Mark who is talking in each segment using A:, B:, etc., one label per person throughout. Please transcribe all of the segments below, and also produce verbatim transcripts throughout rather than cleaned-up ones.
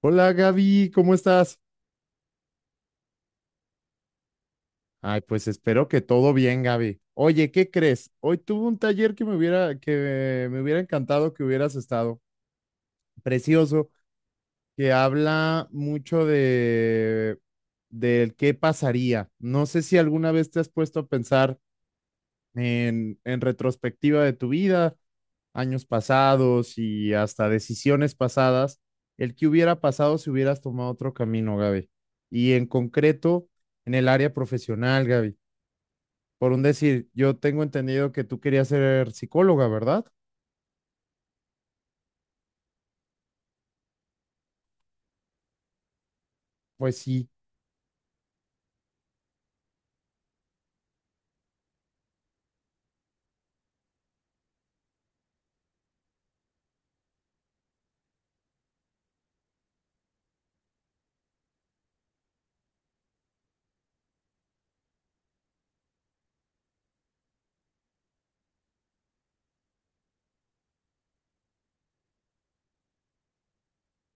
A: Hola Gaby, ¿cómo estás? Ay, pues espero que todo bien, Gaby. Oye, ¿qué crees? Hoy tuve un taller que me hubiera, que me hubiera encantado que hubieras estado. Precioso, que habla mucho de del qué pasaría. No sé si alguna vez te has puesto a pensar en, en retrospectiva de tu vida, años pasados y hasta decisiones pasadas, el que hubiera pasado si hubieras tomado otro camino, Gaby. Y en concreto, en el área profesional, Gaby. Por un decir, yo tengo entendido que tú querías ser psicóloga, ¿verdad? Pues sí.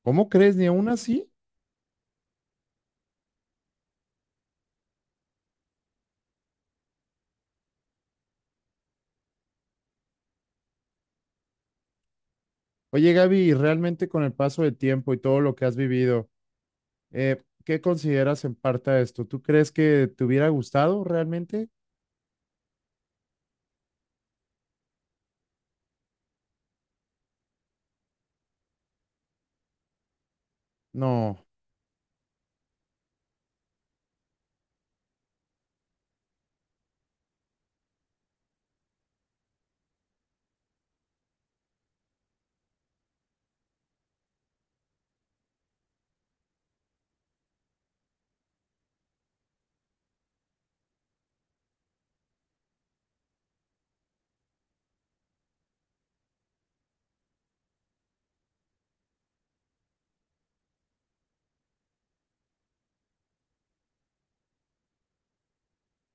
A: ¿Cómo crees? Ni aún así. Oye, Gaby, realmente con el paso del tiempo y todo lo que has vivido, eh, ¿qué consideras en parte de esto? ¿Tú crees que te hubiera gustado realmente? No.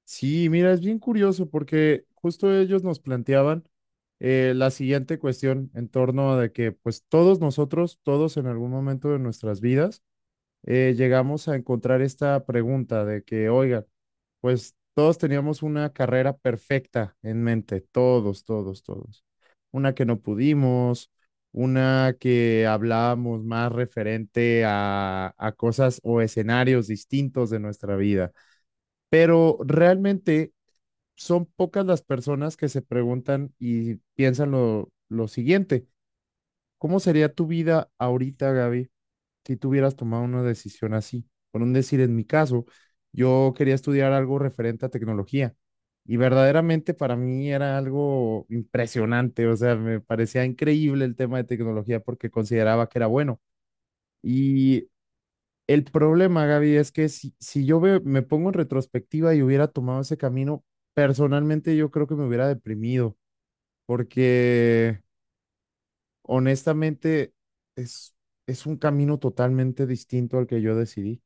A: Sí, mira, es bien curioso porque justo ellos nos planteaban eh, la siguiente cuestión en torno de que pues todos nosotros, todos en algún momento de nuestras vidas, eh, llegamos a encontrar esta pregunta de que, oiga, pues todos teníamos una carrera perfecta en mente, todos, todos, todos. Una que no pudimos, una que hablábamos más referente a, a cosas o escenarios distintos de nuestra vida, pero realmente son pocas las personas que se preguntan y piensan lo, lo siguiente, ¿cómo sería tu vida ahorita, Gaby, si tú hubieras tomado una decisión así? Por un decir, en mi caso, yo quería estudiar algo referente a tecnología y verdaderamente para mí era algo impresionante, o sea, me parecía increíble el tema de tecnología porque consideraba que era bueno. Y el problema, Gaby, es que si, si yo ve- me pongo en retrospectiva y hubiera tomado ese camino, personalmente yo creo que me hubiera deprimido porque honestamente es, es un camino totalmente distinto al que yo decidí.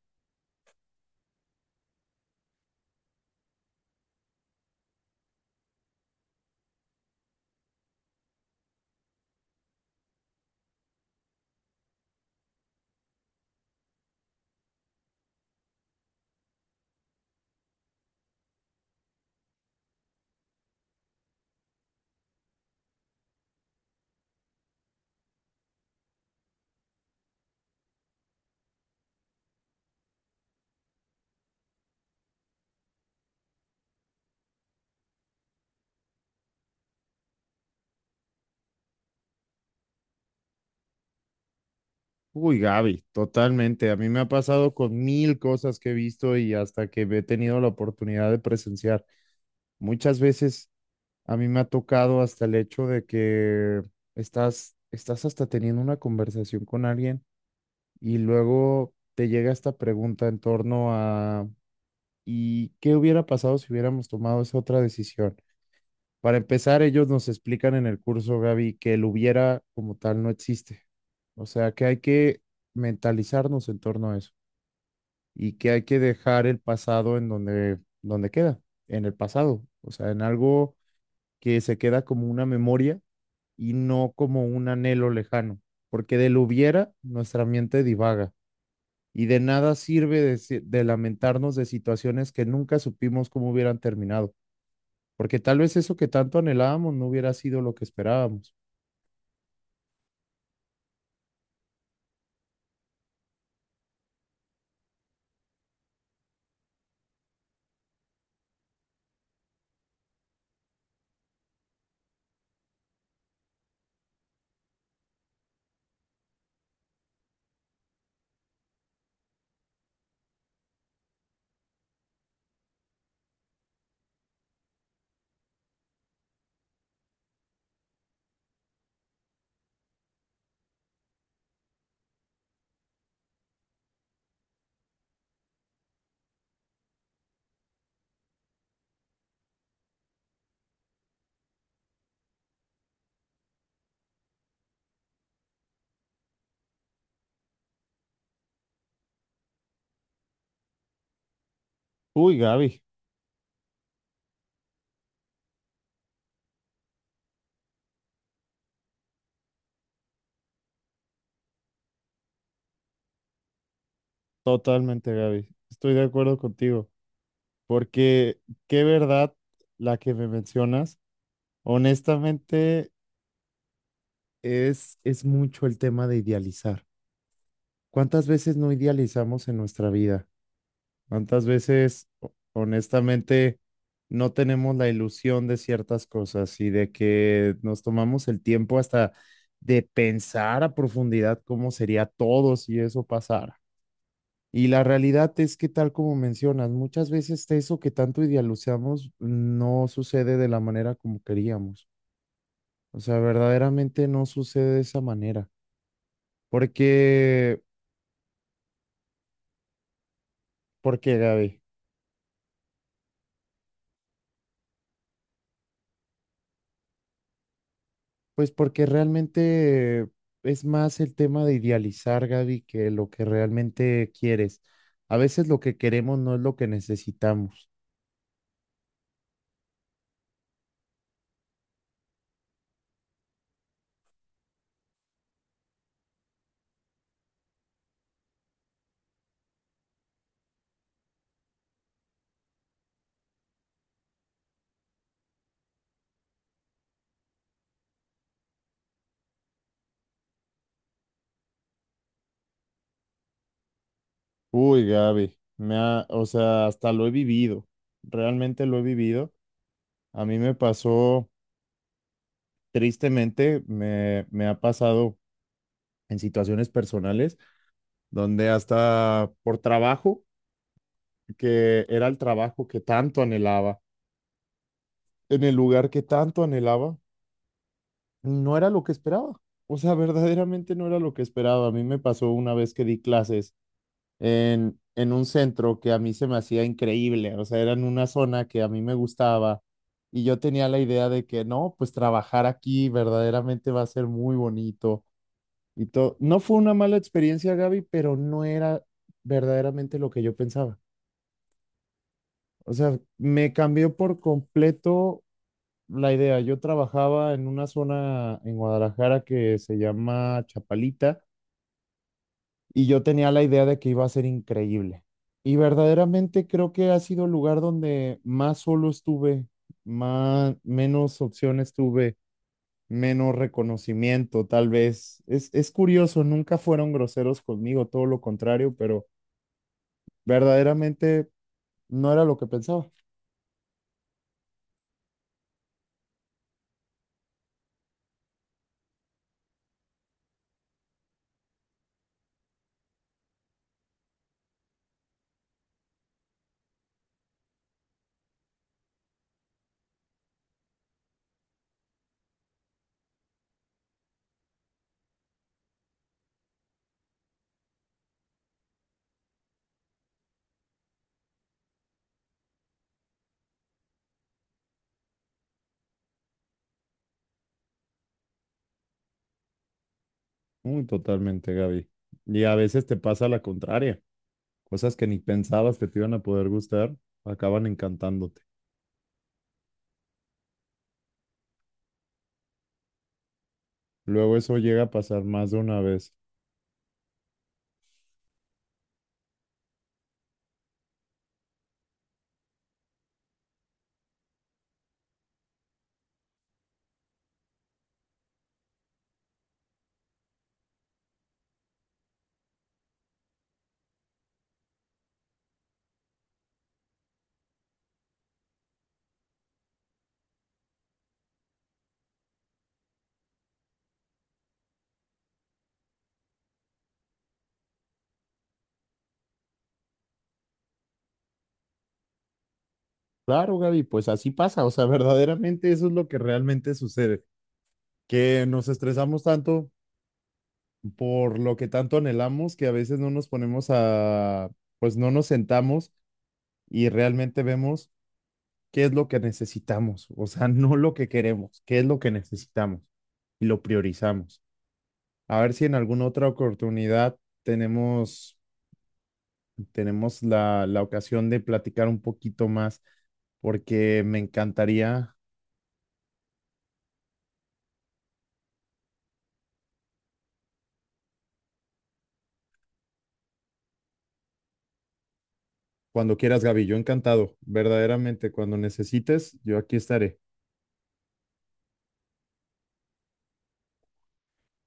A: Uy, Gaby, totalmente. A mí me ha pasado con mil cosas que he visto y hasta que he tenido la oportunidad de presenciar. Muchas veces a mí me ha tocado hasta el hecho de que estás, estás hasta teniendo una conversación con alguien y luego te llega esta pregunta en torno a, ¿y qué hubiera pasado si hubiéramos tomado esa otra decisión? Para empezar, ellos nos explican en el curso, Gaby, que el hubiera como tal no existe. O sea, que hay que mentalizarnos en torno a eso, y que hay que dejar el pasado en donde, donde queda, en el pasado, o sea, en algo que se queda como una memoria y no como un anhelo lejano, porque del hubiera nuestra mente divaga y de nada sirve de, si- de lamentarnos de situaciones que nunca supimos cómo hubieran terminado, porque tal vez eso que tanto anhelábamos no hubiera sido lo que esperábamos. Uy, Gaby, totalmente. Gaby, estoy de acuerdo contigo, porque qué verdad la que me mencionas. Honestamente, es, es mucho el tema de idealizar. ¿Cuántas veces no idealizamos en nuestra vida? ¿Cuántas veces, ho- honestamente, no tenemos la ilusión de ciertas cosas y de que nos tomamos el tiempo hasta de pensar a profundidad cómo sería todo si eso pasara? Y la realidad es que, tal como mencionas, muchas veces eso que tanto idealizamos no sucede de la manera como queríamos. O sea, verdaderamente no sucede de esa manera. Porque, ¿por qué, Gaby? Pues porque realmente es más el tema de idealizar, Gaby, que lo que realmente quieres. A veces lo que queremos no es lo que necesitamos. Uy, Gaby, me ha, o sea, hasta lo he vivido, realmente lo he vivido. A mí me pasó, tristemente, me, me ha pasado en situaciones personales donde hasta por trabajo, que era el trabajo que tanto anhelaba, en el lugar que tanto anhelaba, no era lo que esperaba. O sea, verdaderamente no era lo que esperaba. A mí me pasó una vez que di clases en, en un centro que a mí se me hacía increíble. O sea, era en una zona que a mí me gustaba y yo tenía la idea de que no, pues trabajar aquí verdaderamente va a ser muy bonito y todo. No fue una mala experiencia, Gaby, pero no era verdaderamente lo que yo pensaba. O sea, me cambió por completo la idea. Yo trabajaba en una zona en Guadalajara que se llama Chapalita y yo tenía la idea de que iba a ser increíble. Y verdaderamente creo que ha sido el lugar donde más solo estuve, más, menos opciones tuve, menos reconocimiento, tal vez. Es, es curioso, nunca fueron groseros conmigo, todo lo contrario, pero verdaderamente no era lo que pensaba. Muy totalmente, Gaby. Y a veces te pasa la contraria. Cosas que ni pensabas que te iban a poder gustar, acaban encantándote. Luego eso llega a pasar más de una vez. Claro, Gaby, pues así pasa. O sea, verdaderamente eso es lo que realmente sucede. Que nos estresamos tanto por lo que tanto anhelamos que a veces no nos ponemos a, pues no nos sentamos y realmente vemos qué es lo que necesitamos. O sea, no lo que queremos, qué es lo que necesitamos y lo priorizamos. A ver si en alguna otra oportunidad tenemos tenemos la, la ocasión de platicar un poquito más, porque me encantaría, cuando quieras, Gaby, yo encantado, verdaderamente, cuando necesites, yo aquí estaré.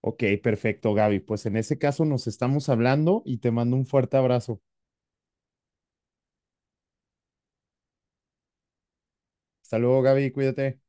A: Ok, perfecto, Gaby. Pues en ese caso nos estamos hablando y te mando un fuerte abrazo. Hasta luego, Gaby, cuídate.